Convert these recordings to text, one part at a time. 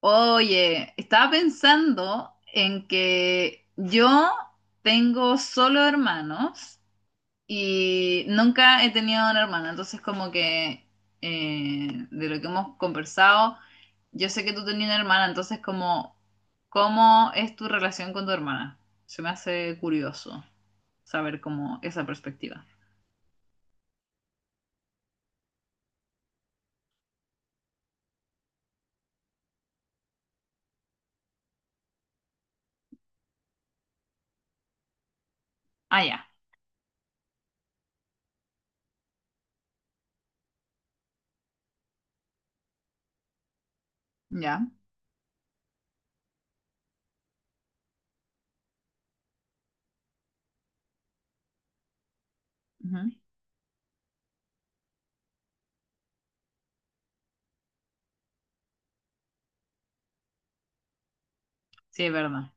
Oye, estaba pensando en que yo tengo solo hermanos y nunca he tenido una hermana, entonces como que de lo que hemos conversado, yo sé que tú tenías una hermana, entonces como, ¿cómo es tu relación con tu hermana? Se me hace curioso saber como esa perspectiva. Ah, ya, ya. Ujú. Sí, es verdad.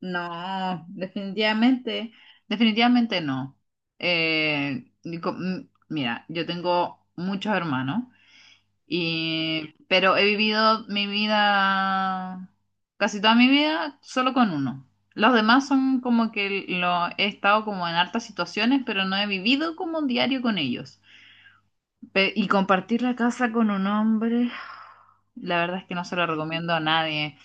No, definitivamente, definitivamente no. Ni co- m- mira, yo tengo muchos hermanos, y, pero he vivido mi vida, casi toda mi vida, solo con uno. Los demás son como que lo he estado como en hartas situaciones, pero no he vivido como un diario con ellos. Y compartir la casa con un hombre, la verdad es que no se lo recomiendo a nadie.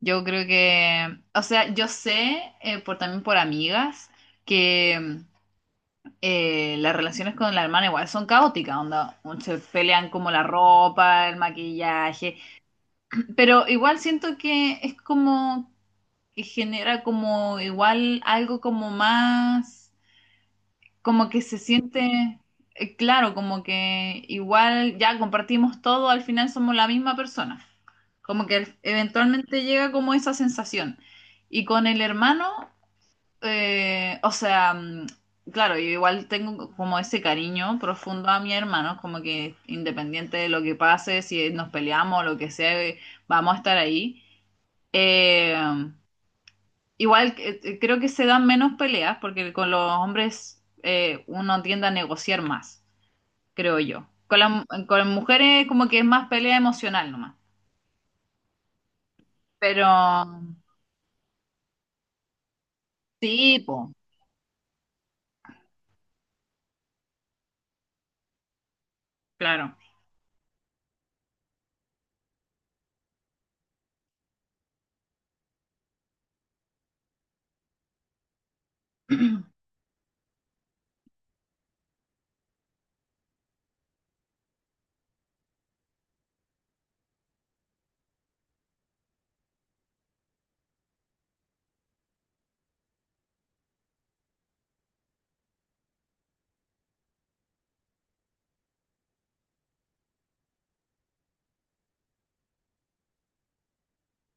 Yo creo que, o sea, yo sé por también por amigas que las relaciones con la hermana igual son caóticas, onda, se pelean como la ropa, el maquillaje, pero igual siento que es como que genera como igual algo como más, como que se siente, claro, como que igual ya compartimos todo, al final somos la misma persona. Como que eventualmente llega como esa sensación. Y con el hermano, o sea, claro, yo igual tengo como ese cariño profundo a mi hermano, como que independiente de lo que pase, si nos peleamos o lo que sea, vamos a estar ahí. Eh, igual creo que se dan menos peleas porque con los hombres uno tiende a negociar más, creo yo. Con las mujeres como que es más pelea emocional nomás. Pero sí, po, claro.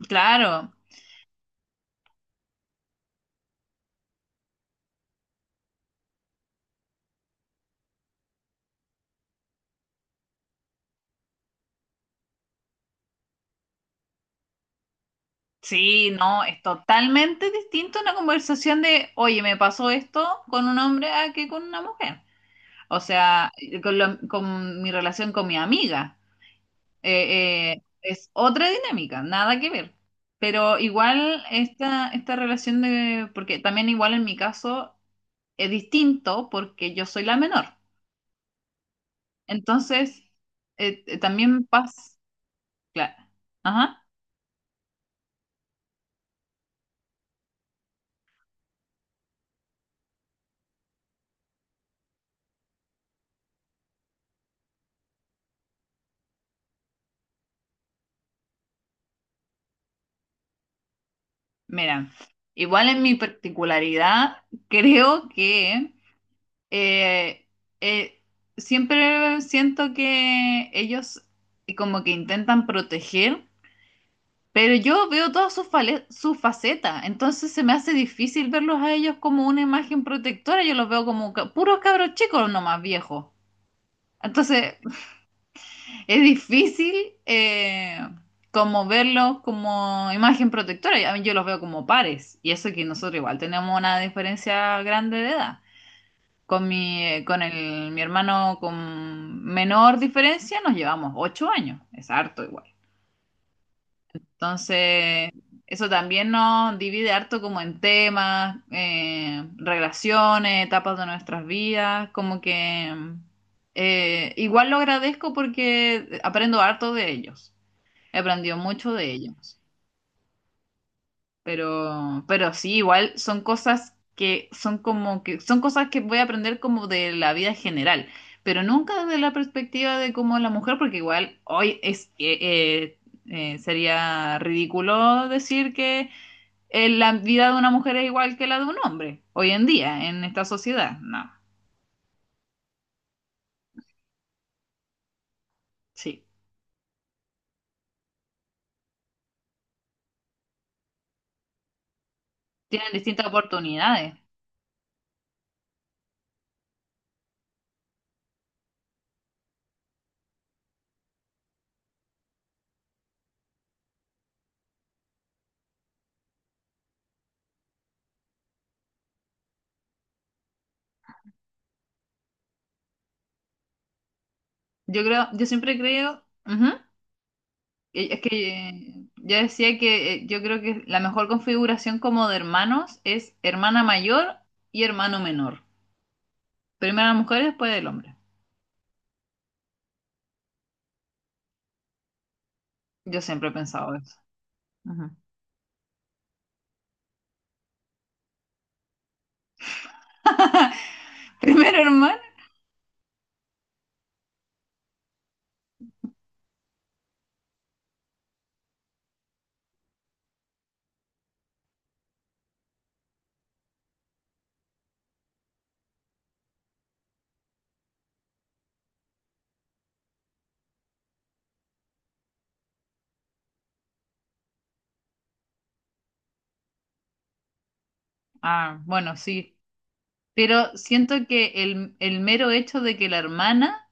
Claro, sí, no, es totalmente distinto una conversación de, oye, me pasó esto con un hombre a que con una mujer. O sea, con mi relación con mi amiga. Es otra dinámica, nada que ver. Pero igual esta relación de, porque también igual en mi caso es distinto porque yo soy la menor. Entonces, también pasa, claro. Ajá. Mira, igual en mi particularidad, creo que eh, eh, siempre siento que ellos como que intentan proteger, pero yo veo todas sus sus facetas, entonces se me hace difícil verlos a ellos como una imagen protectora, yo los veo como puros cabros chicos, no más viejos. Entonces, es difícil como verlos como imagen protectora. A mí yo los veo como pares. Y eso que nosotros igual tenemos una diferencia grande de edad. Con mi hermano con menor diferencia nos llevamos 8 años. Es harto igual. Entonces, eso también nos divide harto como en temas, relaciones, etapas de nuestras vidas. Como que igual lo agradezco porque aprendo harto de ellos. Aprendió mucho de ellos. Pero sí, igual son cosas que son como que son cosas que voy a aprender como de la vida general, pero nunca desde la perspectiva de cómo la mujer, porque igual hoy es sería ridículo decir que la vida de una mujer es igual que la de un hombre hoy en día en esta sociedad. No, sí, tienen distintas oportunidades. Yo creo, yo siempre creo, ujú. Es que yo decía que yo creo que la mejor configuración como de hermanos es hermana mayor y hermano menor. Primero la mujer y después el hombre. Yo siempre he pensado eso. Ujú. Primero hermano. Ah, bueno, sí. Pero siento que el mero hecho de que la hermana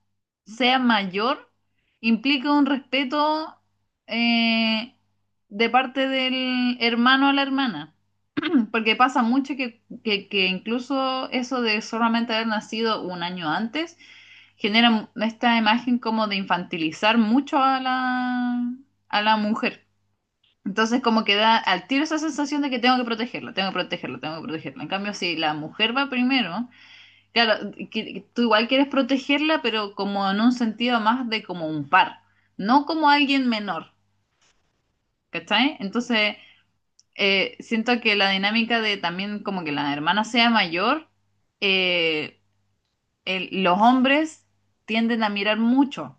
sea mayor implica un respeto eh, de parte del hermano a la hermana. Porque pasa mucho que incluso eso de solamente haber nacido un año antes genera esta imagen como de infantilizar mucho a la mujer. Entonces como que da al tiro esa sensación de que tengo que protegerla, tengo que protegerla, tengo que protegerla. En cambio, si la mujer va primero, claro, que tú igual quieres protegerla, pero como en un sentido más de como un par, no como alguien menor, ¿cachai? Entonces siento que la dinámica de también como que la hermana sea mayor, eh, los hombres tienden a mirar mucho,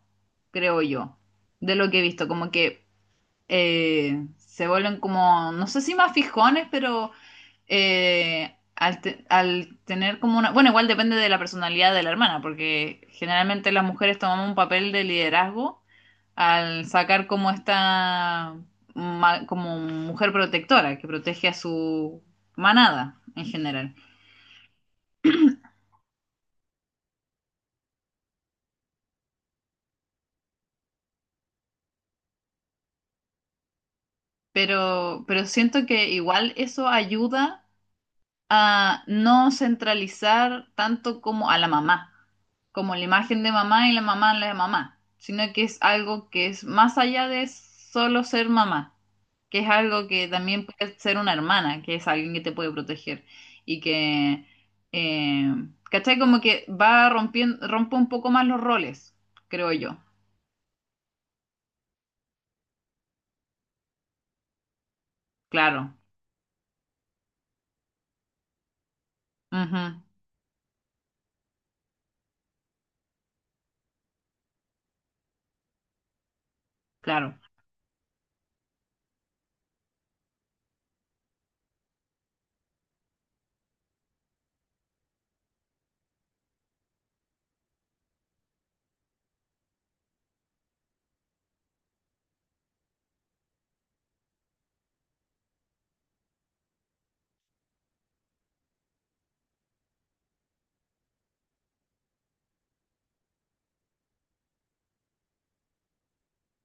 creo yo, de lo que he visto, como que se vuelven como, no sé si más fijones, pero al tener como una, bueno, igual depende de la personalidad de la hermana, porque generalmente las mujeres tomamos un papel de liderazgo al sacar como esta como mujer protectora que protege a su manada en general. Pero siento que igual eso ayuda a no centralizar tanto como a la mamá, como la imagen de mamá y la mamá en la de mamá, sino que es algo que es más allá de solo ser mamá, que es algo que también puede ser una hermana, que es alguien que te puede proteger y que, eh, ¿cachai? Como que va rompiendo, rompe un poco más los roles, creo yo. Claro, ujú, claro,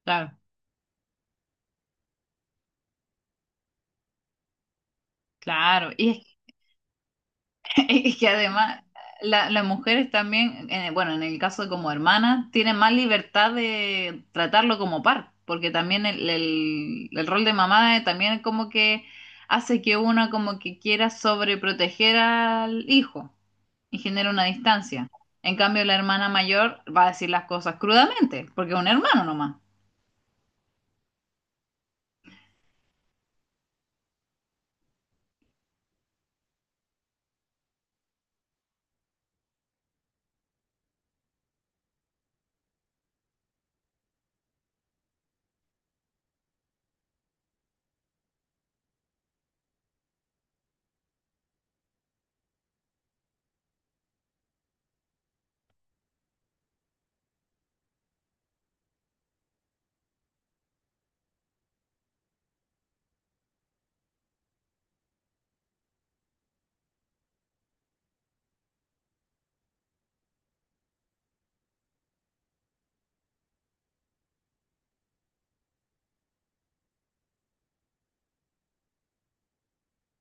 claro, claro. Y es Y que además las mujeres también, bueno, en el caso de como hermanas, tienen más libertad de tratarlo como par, porque también el rol de mamá también como que hace que una como que quiera sobreproteger al hijo y genera una distancia. En cambio, la hermana mayor va a decir las cosas crudamente, porque es un hermano nomás.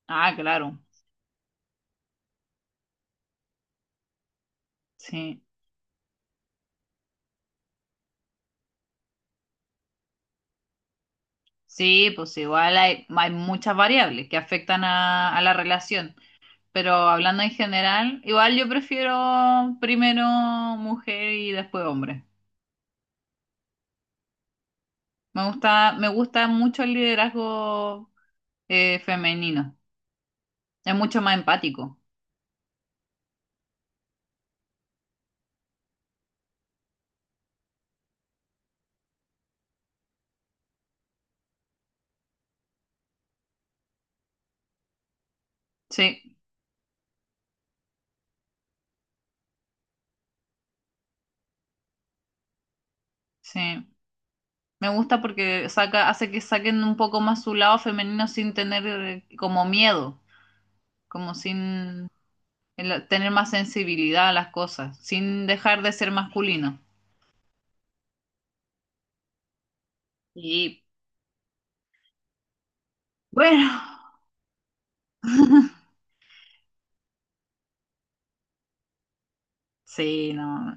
Ah, claro, sí. Sí, pues igual hay muchas variables que afectan a la relación. Pero hablando en general, igual yo prefiero primero mujer y después hombre. Me gusta mucho el liderazgo femenino. Es mucho más empático. Sí, sí. Me gusta porque hace que saquen un poco más su lado femenino sin tener como miedo, como sin tener más sensibilidad a las cosas, sin dejar de ser masculino. Y bueno, sí, no.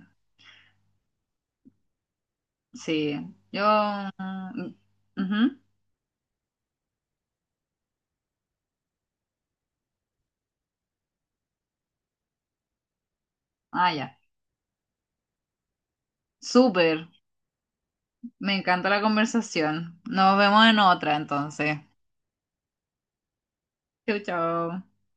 Sí, yo... mm, ujú. Ah, ya. Súper. Me encanta la conversación. Nos vemos en otra entonces. Chau, chau.